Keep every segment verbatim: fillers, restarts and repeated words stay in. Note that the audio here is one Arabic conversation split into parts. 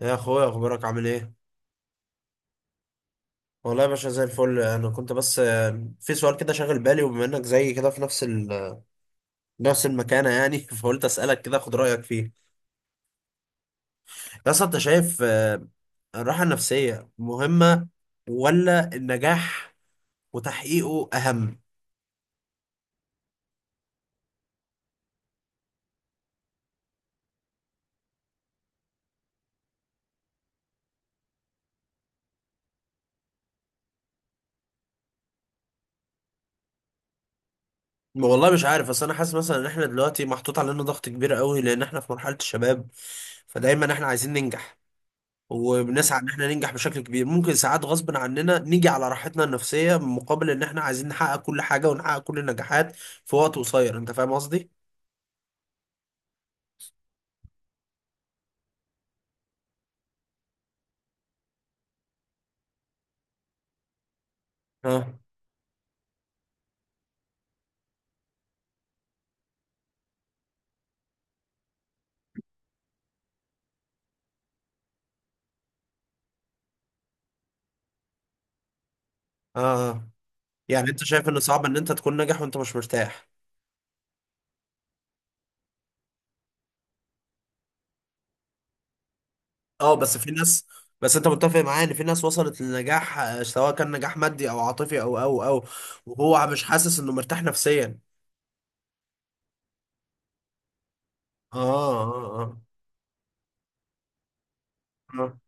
يا اخويا، اخبارك عامل ايه؟ والله يا باشا، زي الفل. انا كنت بس آه، في سؤال كده شاغل بالي، وبما انك زي كده في نفس ال... نفس المكانه يعني فقلت اسالك كده اخد رايك فيه. يا اسطى، انت شايف آه، الراحه النفسيه مهمه ولا النجاح وتحقيقه اهم؟ والله مش عارف، بس انا حاسس مثلا ان احنا دلوقتي محطوط علينا ضغط كبير قوي لان احنا في مرحله الشباب. فدايما احنا عايزين ننجح، وبنسعى ان احنا ننجح بشكل كبير. ممكن ساعات غصب عننا نيجي على راحتنا النفسية مقابل ان احنا عايزين نحقق كل حاجة ونحقق كل النجاحات في وقت قصير. انت فاهم قصدي؟ اه، اه، آه. يعني انت شايف ان صعب ان انت تكون ناجح وانت مش مرتاح؟ اه، بس في ناس. بس انت متفق معايا ان في ناس وصلت للنجاح آه، سواء كان نجاح مادي او عاطفي او او او وهو مش حاسس انه مرتاح نفسيا؟ اه، اه، اه، آه.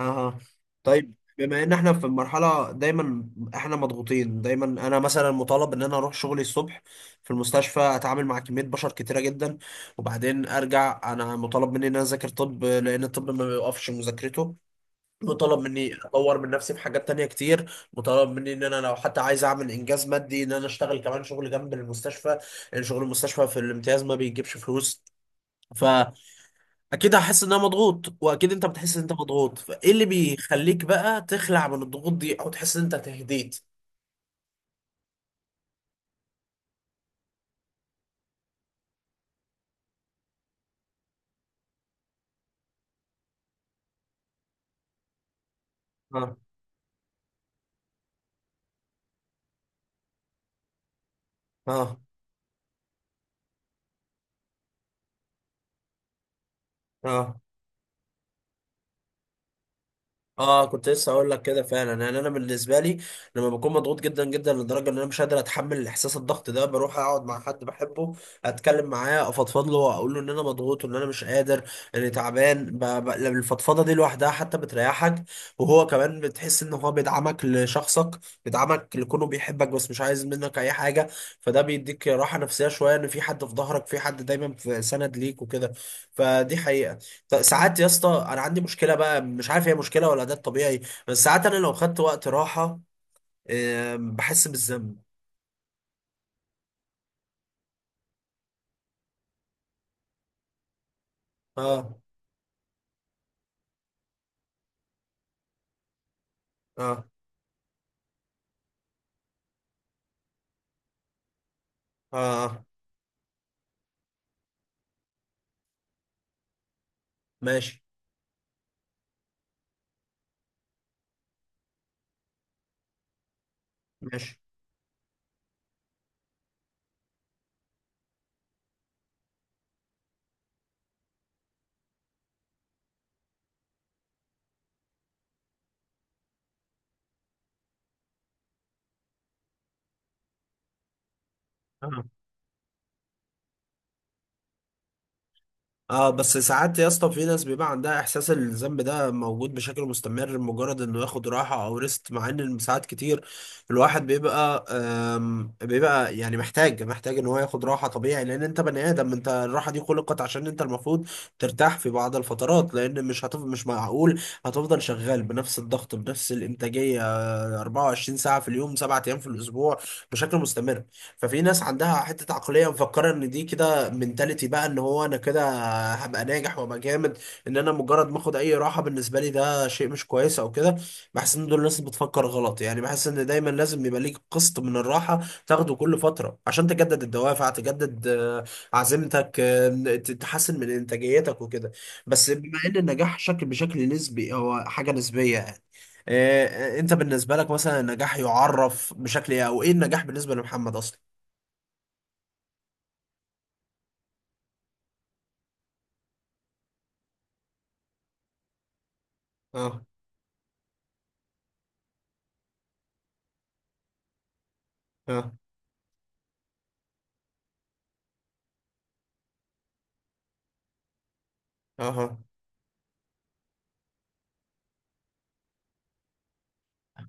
اها. طيب، بما ان احنا في مرحله دايما، احنا مضغوطين دايما. انا مثلا مطالب ان انا اروح شغلي الصبح في المستشفى، اتعامل مع كميه بشر كتيره جدا، وبعدين ارجع انا مطالب مني ان انا اذاكر طب لان الطب ما بيوقفش مذاكرته. مطالب مني اطور من نفسي في حاجات تانية كتير. مطالب مني ان انا لو حتى عايز اعمل انجاز مادي ان انا اشتغل كمان شغل جنب المستشفى لان شغل المستشفى في الامتياز ما بيجيبش فلوس. اكيد هحس ان انا مضغوط واكيد انت بتحس ان انت مضغوط. فايه اللي بيخليك بقى تخلع من الضغوط دي او تحس ان انت تهديت؟ اه، اه، اه، اه، كنت لسه اقول لك كده فعلا. يعني انا بالنسبه لي، لما بكون مضغوط جدا جدا لدرجه ان انا مش قادر اتحمل احساس الضغط ده، بروح اقعد مع حد بحبه، اتكلم معاه، افضفض له واقول له ان انا مضغوط وان انا مش قادر، اني تعبان. ب... ب... الفضفضه دي لوحدها حتى بتريحك. وهو كمان بتحس ان هو بيدعمك لشخصك، بيدعمك لكونه بيحبك، بس مش عايز منك اي حاجه. فده بيديك راحه نفسيه شويه، ان في حد في ظهرك، في حد دايما في سند ليك وكده. فدي حقيقه. ط- ساعات يا اسطى، انا عندي مشكله بقى مش عارف هي مشكله ولا ده الطبيعي. بس ساعات انا لو خدت وقت راحه آم، بحس بالذنب. اه، اه، اه، آه. ماشي، ماشي. اه، بس ساعات يا اسطى في ناس بيبقى عندها احساس إن الذنب ده موجود بشكل مستمر، مجرد انه ياخد راحه او ريست، مع ان ساعات كتير الواحد بيبقى آم، بيبقى يعني محتاج محتاج ان هو ياخد راحه طبيعي، لان انت بني ادم، انت الراحه دي خلقت عشان انت المفروض ترتاح في بعض الفترات. لان مش هتف مش معقول هتفضل شغال بنفس الضغط بنفس الانتاجيه اربعة وعشرين ساعة في اليوم سبعة أيام في الأسبوع بشكل مستمر. ففي ناس عندها حتة عقلية مفكرة إن دي كده منتاليتي بقى، إن هو أنا كده هبقى ناجح وهبقى جامد، إن أنا مجرد ما آخد أي راحة بالنسبة لي ده شيء مش كويس أو كده. بحس إن دول الناس بتفكر غلط. يعني بحس إن دايما لازم يبقى ليك قسط من الراحة تاخده كل فترة عشان تجدد الدوافع، تجدد آه، عزيمتك، آه، ت- تحسن من إنتاجيتك وكده. بس بما ان النجاح شكل بشكل نسبي، هو حاجه نسبيه. إيه، انت بالنسبه لك مثلا النجاح يعرف بشكل ايه؟ او ايه النجاح بالنسبه لمحمد اصلا؟ اه، اه، اه.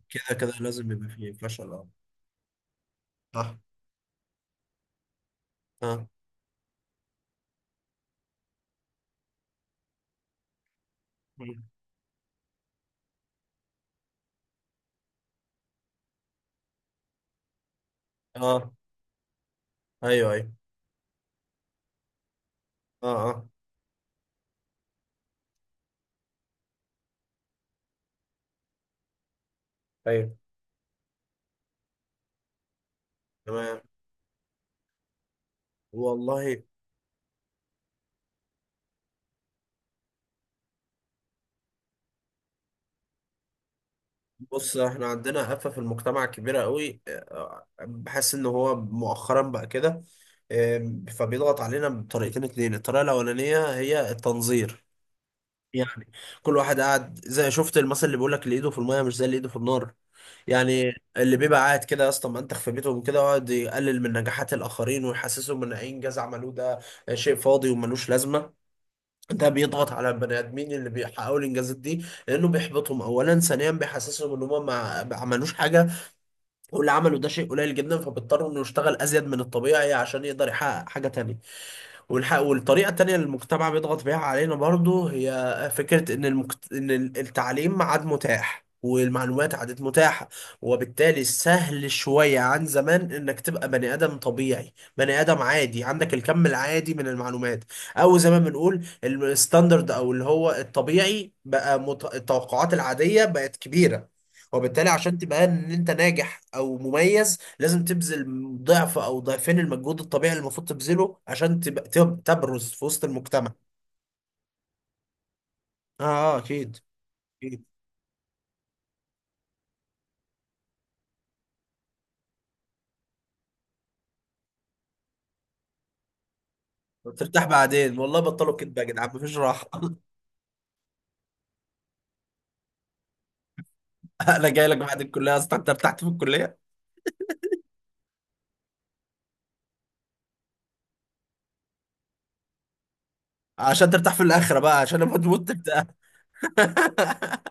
كده كده لازم يبقى فيه فشل. اه، اه، اه، اه، ايوه، ايوه، اه، اه، ايوه. تمام. والله. بص، احنا عندنا آفة في المجتمع كبيرة قوي، آه، بحس ان هو مؤخرا بقى كده. آم، فبيضغط علينا بطريقتين اتنين، الطريقة الأولانية هي التنظير. يعني كل واحد قاعد زي، شفت المثل اللي بيقول لك اللي ايده في الميه مش زي اللي ايده في النار؟ يعني اللي بيبقى قاعد كده يا اسطى منتخ في بيتهم كده، يقعد يقلل من نجاحات الاخرين ويحسسهم ان اي انجاز عملوه ده شيء فاضي وملوش لازمه. ده بيضغط على البني ادمين اللي بيحققوا الانجازات دي، لانه بيحبطهم اولا، ثانيا بيحسسهم ان هم ما ما عملوش حاجه، واللي عملوا ده شيء قليل جدا، فبيضطروا انه يشتغل ازيد من الطبيعي عشان يقدر يحقق حاجه تانية. والح... والطريقة التانية اللي المجتمع بيضغط بيها علينا برضو هي فكرة إن المكت... إن ال- التعليم ما عاد متاح والمعلومات عادت متاحة. وبالتالي سهل شوية عن زمان إنك تبقى بني آدم طبيعي، بني آدم عادي عندك الكم العادي من المعلومات، أو زي ما بنقول الستاندرد، أو اللي هو الطبيعي بقى مت... التوقعات العادية بقت كبيرة. وبالتالي عشان تبقى إن أنت ناجح أو مميز لازم تبذل ضعف او ضعفين المجهود الطبيعي اللي المفروض تبذله عشان تبقى تب- تبرز في وسط المجتمع. اه، آه، اكيد، اكيد. ترتاح بعدين؟ والله بطلوا كدب يا جدعان، مفيش راحه. انا جاي لك بعد الكليه، اصلا انت ارتحت في الكليه؟ عشان ترتاح في الاخره بقى، عشان لما تموت تبدا.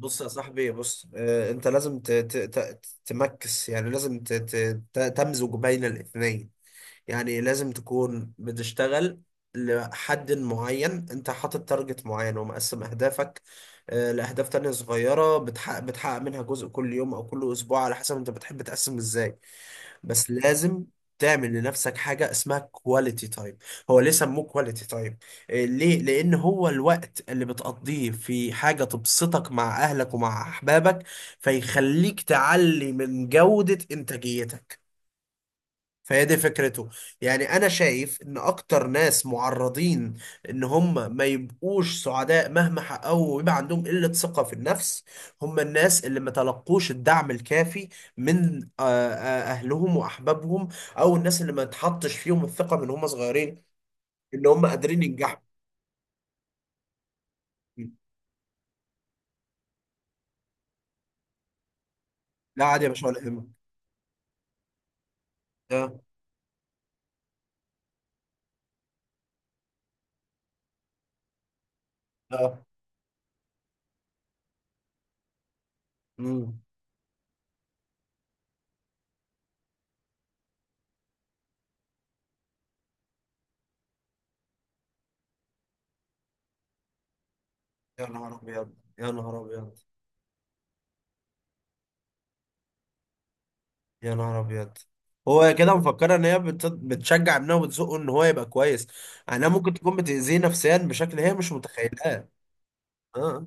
بص يا صاحبي، بص آه، انت لازم ت- ت- ت- تمكس. يعني لازم ت- ت- ت- تمزج بين الاثنين. يعني لازم تكون بتشتغل لحد معين، انت حاطط تارجت معين ومقسم اهدافك آه، لاهداف تانية صغيرة، بتحقق بتحقق منها جزء كل يوم او كل اسبوع على حسب انت بتحب تقسم ازاي. بس لازم تعمل لنفسك حاجة اسمها كواليتي تايم. هو ليه سموه كواليتي تايم؟ ليه؟ لان هو الوقت اللي بتقضيه في حاجة تبسطك مع اهلك ومع احبابك، فيخليك تعلي من جودة انتاجيتك. فهي دي فكرته. يعني انا شايف ان اكتر ناس معرضين ان هم ما يبقوش سعداء مهما حققوا ويبقى عندهم قلة ثقة في النفس، هم الناس اللي ما تلقوش الدعم الكافي من آه، آه، اهلهم واحبابهم، او الناس اللي ما تحطش فيهم الثقة من هم صغيرين ان هم قادرين ينجحوا. لا، عادي يا باشا، ولا يهمك. اه، اه، امم. يا نهار ابيض! يا نهار ابيض! يا نهار ابيض! هو كده مفكره ان هي بت- بتشجع ابنها وبتزقه ان هو يبقى كويس. انا ممكن تكون بتاذيه نفسيا بشكل هي مش متخيلاه. اه،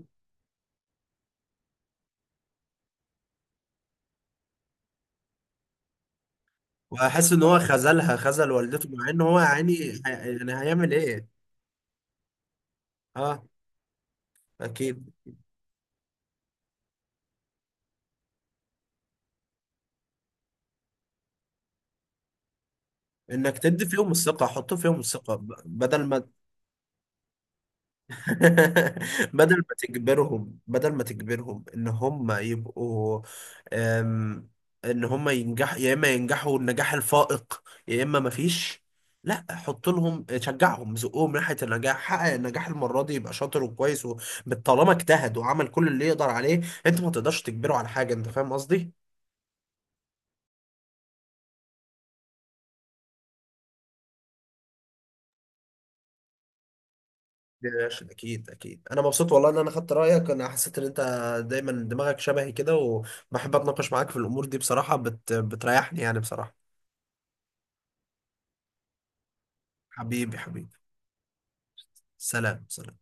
وهحس ان هو خذلها خذل والدته، مع ان هو يعني هي- يعني هيعمل ايه؟ اه، اكيد. انك تدي فيهم الثقه، حط فيهم الثقه، ب- بدل ما بدل ما تجبرهم بدل ما تجبرهم ان هم يبقوا، أم، ان هم ينجحوا، يا اما ينجحوا النجاح الفائق يا اما مفيش. لا، حط لهم، شجعهم، زقهم ناحيه النجاح. حقق النجاح المره دي يبقى شاطر وكويس و- طالما اجتهد وعمل كل اللي يقدر عليه، انت ما تقدرش تجبره على حاجه. انت فاهم قصدي؟ ماشي، اكيد، اكيد. انا مبسوط والله ان انا خدت رايك. انا حسيت ان انت دايما دماغك شبهي كده، وبحب اتناقش معاك في الامور دي بصراحه، بت... بتريحني يعني بصراحه. حبيبي، حبيبي. سلام، سلام.